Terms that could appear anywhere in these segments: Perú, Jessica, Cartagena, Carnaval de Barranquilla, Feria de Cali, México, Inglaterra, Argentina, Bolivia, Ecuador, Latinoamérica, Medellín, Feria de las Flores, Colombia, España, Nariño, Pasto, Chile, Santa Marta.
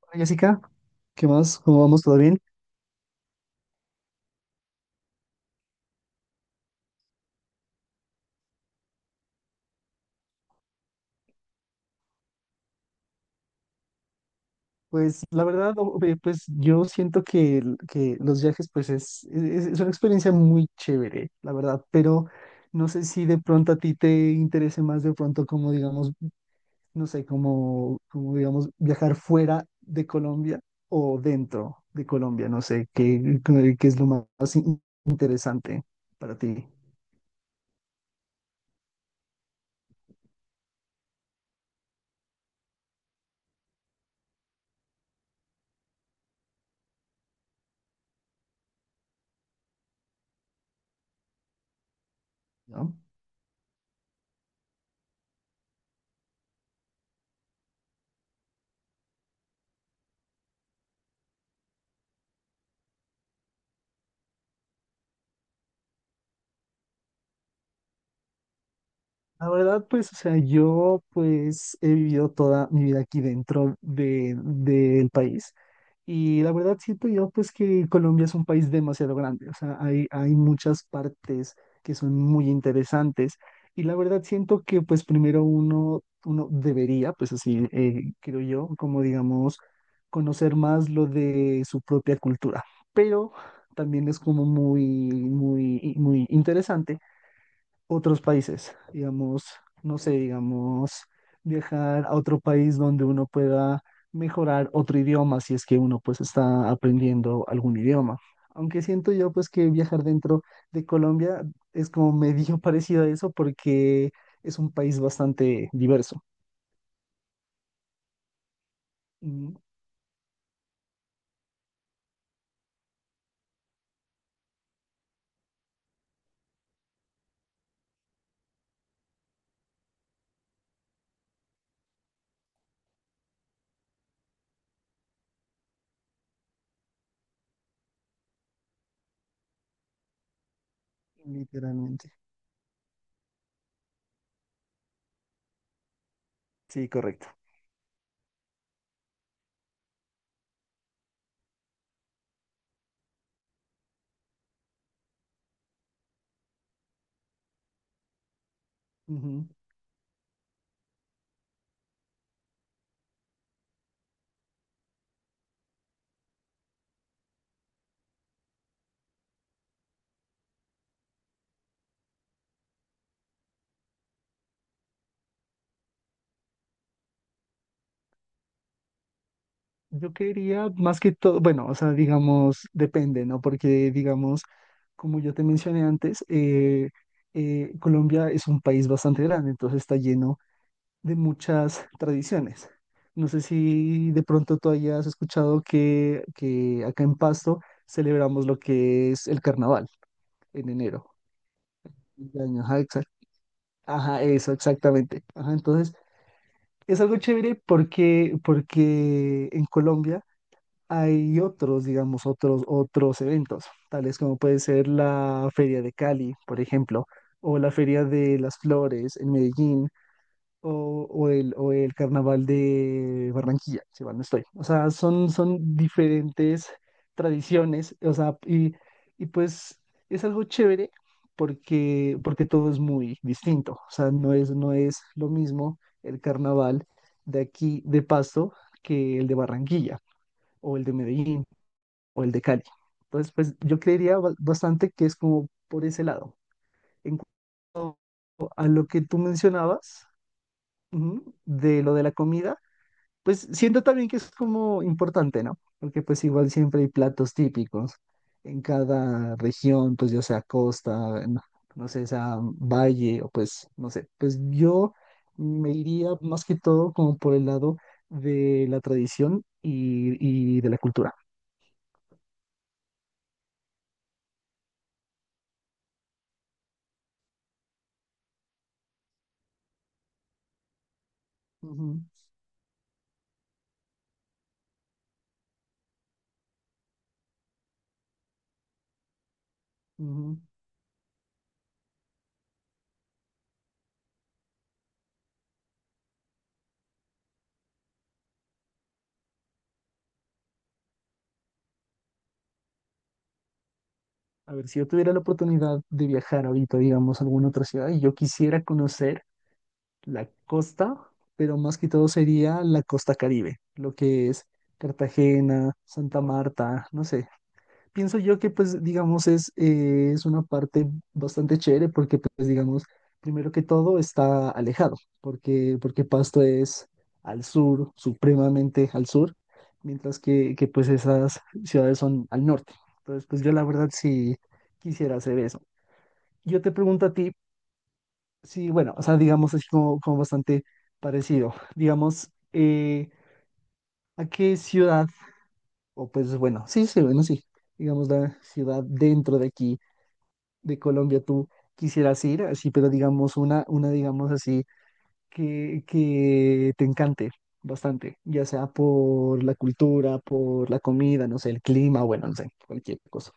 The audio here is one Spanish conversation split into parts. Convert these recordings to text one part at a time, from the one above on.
Hola, Jessica, ¿qué más? ¿Cómo vamos? ¿Todo bien? Pues la verdad, ve, pues yo siento que, que los viajes pues es, una experiencia muy chévere, la verdad, pero no sé si de pronto a ti te interese más de pronto como digamos, no sé, como digamos viajar fuera de Colombia o dentro de Colombia, no sé, qué es lo más interesante para ti. ¿No? La verdad, pues, o sea, yo pues he vivido toda mi vida aquí dentro del país. Y la verdad siento yo pues que Colombia es un país demasiado grande, o sea, hay muchas partes que son muy interesantes y la verdad siento que pues primero uno debería, pues así creo yo, como digamos, conocer más lo de su propia cultura, pero también es como muy, muy, muy interesante otros países, digamos, no sé, digamos, viajar a otro país donde uno pueda mejorar otro idioma si es que uno pues está aprendiendo algún idioma. Aunque siento yo pues que viajar dentro de Colombia es como medio parecido a eso porque es un país bastante diverso. Mm. Literalmente. Sí, correcto. Ujú. Yo quería más que todo, bueno, o sea, digamos, depende, ¿no? Porque, digamos, como yo te mencioné antes, Colombia es un país bastante grande, entonces está lleno de muchas tradiciones. No sé si de pronto tú hayas escuchado que acá en Pasto celebramos lo que es el carnaval en enero. Cumpleaños, ajá, ajá, eso, exactamente. Ajá, entonces, es algo chévere porque en Colombia hay otros, digamos, otros eventos, tales como puede ser la Feria de Cali, por ejemplo, o la Feria de las Flores en Medellín, o el Carnaval de Barranquilla, si mal no estoy. O sea, son diferentes tradiciones, o sea, y pues es algo chévere porque todo es muy distinto, o sea, no es lo mismo el carnaval de aquí, de Pasto, que el de Barranquilla o el de Medellín o el de Cali. Entonces, pues yo creería bastante que es como por ese lado. En cuanto a lo que tú mencionabas, ujú, de lo de la comida, pues siento también que es como importante, ¿no? Porque pues igual siempre hay platos típicos en cada región, pues ya sea costa, no sé, sea valle o pues, no sé, pues yo me iría más que todo como por el lado de la tradición y de la cultura. Ujú, ujú. A ver, si yo tuviera la oportunidad de viajar ahorita, digamos, a alguna otra ciudad, y yo quisiera conocer la costa, pero más que todo sería la costa Caribe, lo que es Cartagena, Santa Marta, no sé, pienso yo que pues digamos es una parte bastante chévere porque pues digamos, primero que todo está alejado, porque Pasto es al sur, supremamente al sur, mientras que pues esas ciudades son al norte. Entonces pues yo la verdad sí quisiera hacer eso. Yo te pregunto a ti, si bueno, o sea, digamos así como bastante parecido, digamos, ¿a qué ciudad, o pues bueno, sí, sí, bueno, sí, digamos la ciudad dentro de aquí, de Colombia tú quisieras ir, así, pero digamos una digamos así, que te encante bastante, ya sea por la cultura, por la comida, no sé, el clima, bueno, no sé, cualquier cosa.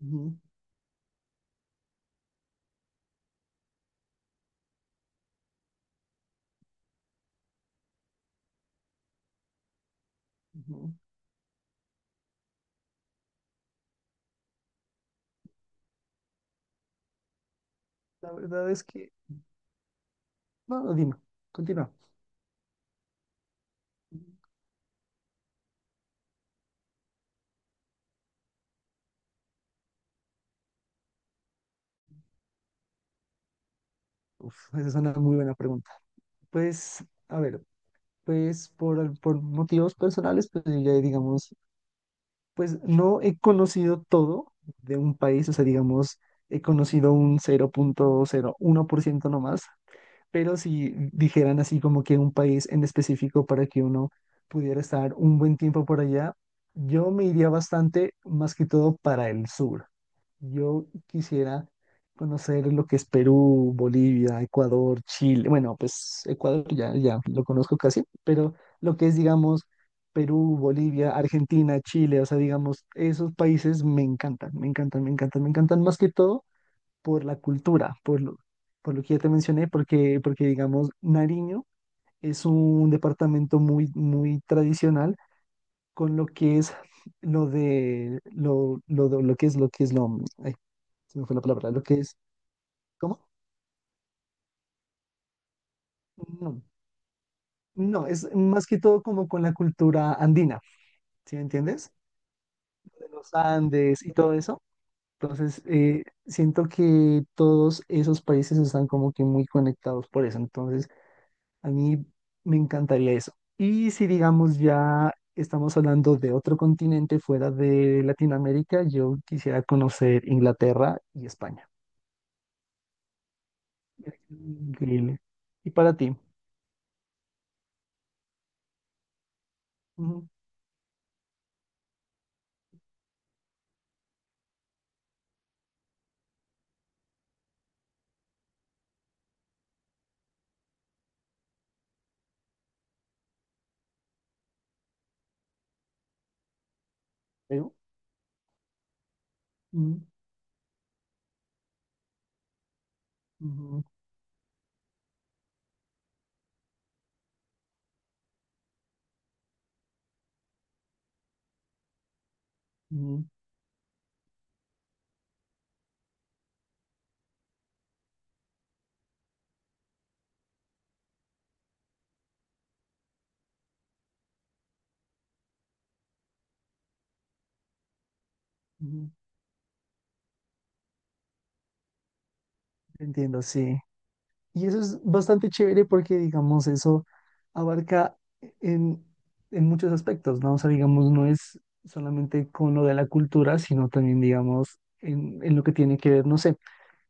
Ujú, ujú. La verdad es que, no, no, dime, continúa. Uf, esa es una muy buena pregunta. Pues, a ver, pues por motivos personales, pues yo ya digamos, pues no he conocido todo de un país, o sea, digamos, he conocido un 0.01% nomás, pero si dijeran así como que un país en específico para que uno pudiera estar un buen tiempo por allá, yo me iría bastante más que todo para el sur. Yo quisiera conocer lo que es Perú, Bolivia, Ecuador, Chile. Bueno, pues Ecuador ya lo conozco casi, pero lo que es, digamos, Perú, Bolivia, Argentina, Chile, o sea, digamos, esos países me encantan, me encantan, me encantan, me encantan más que todo por la cultura, por lo que ya te mencioné, porque digamos, Nariño es un departamento muy, muy tradicional con lo que es lo que es lo que es lo ay, se me fue la palabra, lo que es. ¿Cómo? No, no, es más que todo como con la cultura andina, ¿sí me entiendes? De los Andes y todo eso. Entonces, siento que todos esos países están como que muy conectados por eso. Entonces, a mí me encantaría eso. Y si digamos ya estamos hablando de otro continente fuera de Latinoamérica, yo quisiera conocer Inglaterra y España. Increíble. ¿Y para ti? Ujú. Perú. Ujú, ujú, ujú, ujú. Entiendo, sí. Y eso es bastante chévere porque, digamos, eso abarca en, en muchos aspectos, ¿no? O sea, digamos, no es solamente con lo de la cultura, sino también, digamos, en lo que tiene que ver, no sé,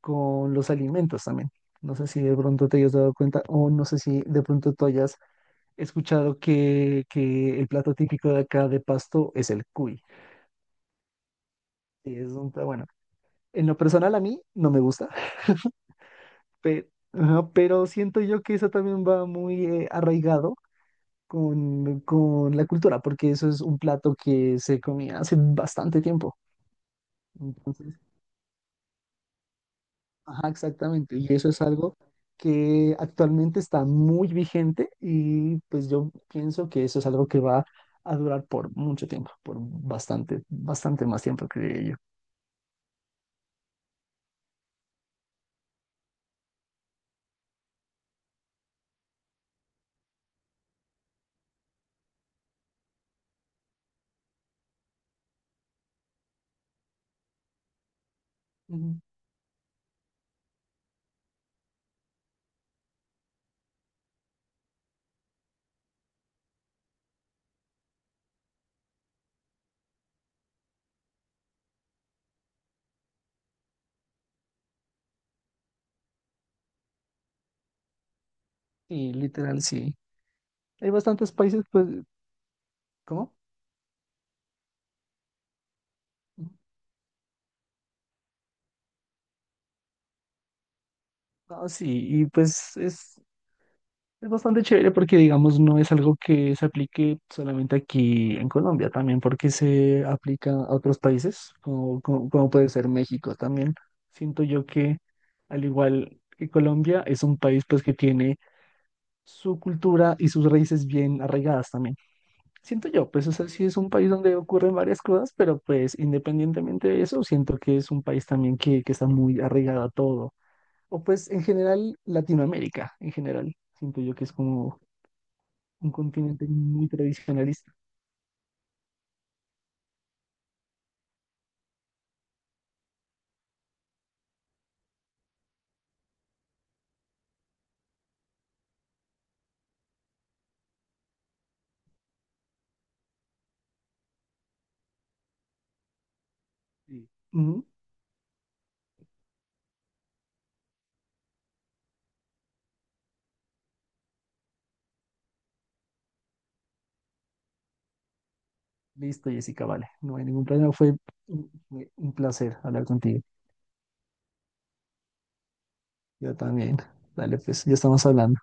con los alimentos también. No sé si de pronto te hayas dado cuenta o no sé si de pronto tú hayas escuchado que el plato típico de acá de Pasto es el cuy. Y es bueno, en lo personal a mí no me gusta, pero siento yo que eso también va muy arraigado con la cultura, porque eso es un plato que se comía hace bastante tiempo. Entonces, ajá, exactamente. Y eso es algo que actualmente está muy vigente y pues yo pienso que eso es algo que va a durar por mucho tiempo, por bastante, bastante más tiempo, creo yo. Ujú. Y literal, sí. Hay bastantes países, pues, ¿cómo? Ujú. Ah, sí, y pues es. Es bastante chévere porque, digamos, no es algo que se aplique solamente aquí en Colombia, también porque se aplica a otros países, como puede ser México también. Siento yo que, al igual que Colombia, es un país pues que tiene su cultura y sus raíces bien arraigadas también. Siento yo, pues, o sea, sí es un país donde ocurren varias cosas, pero pues independientemente de eso, siento que es un país también que está muy arraigado a todo. O pues en general Latinoamérica, en general, siento yo que es como un continente muy tradicionalista. Sí. Ujú. Listo, Jessica, vale. No hay ningún problema. Fue un placer hablar contigo. Yo también. Dale, pues, ya estamos hablando.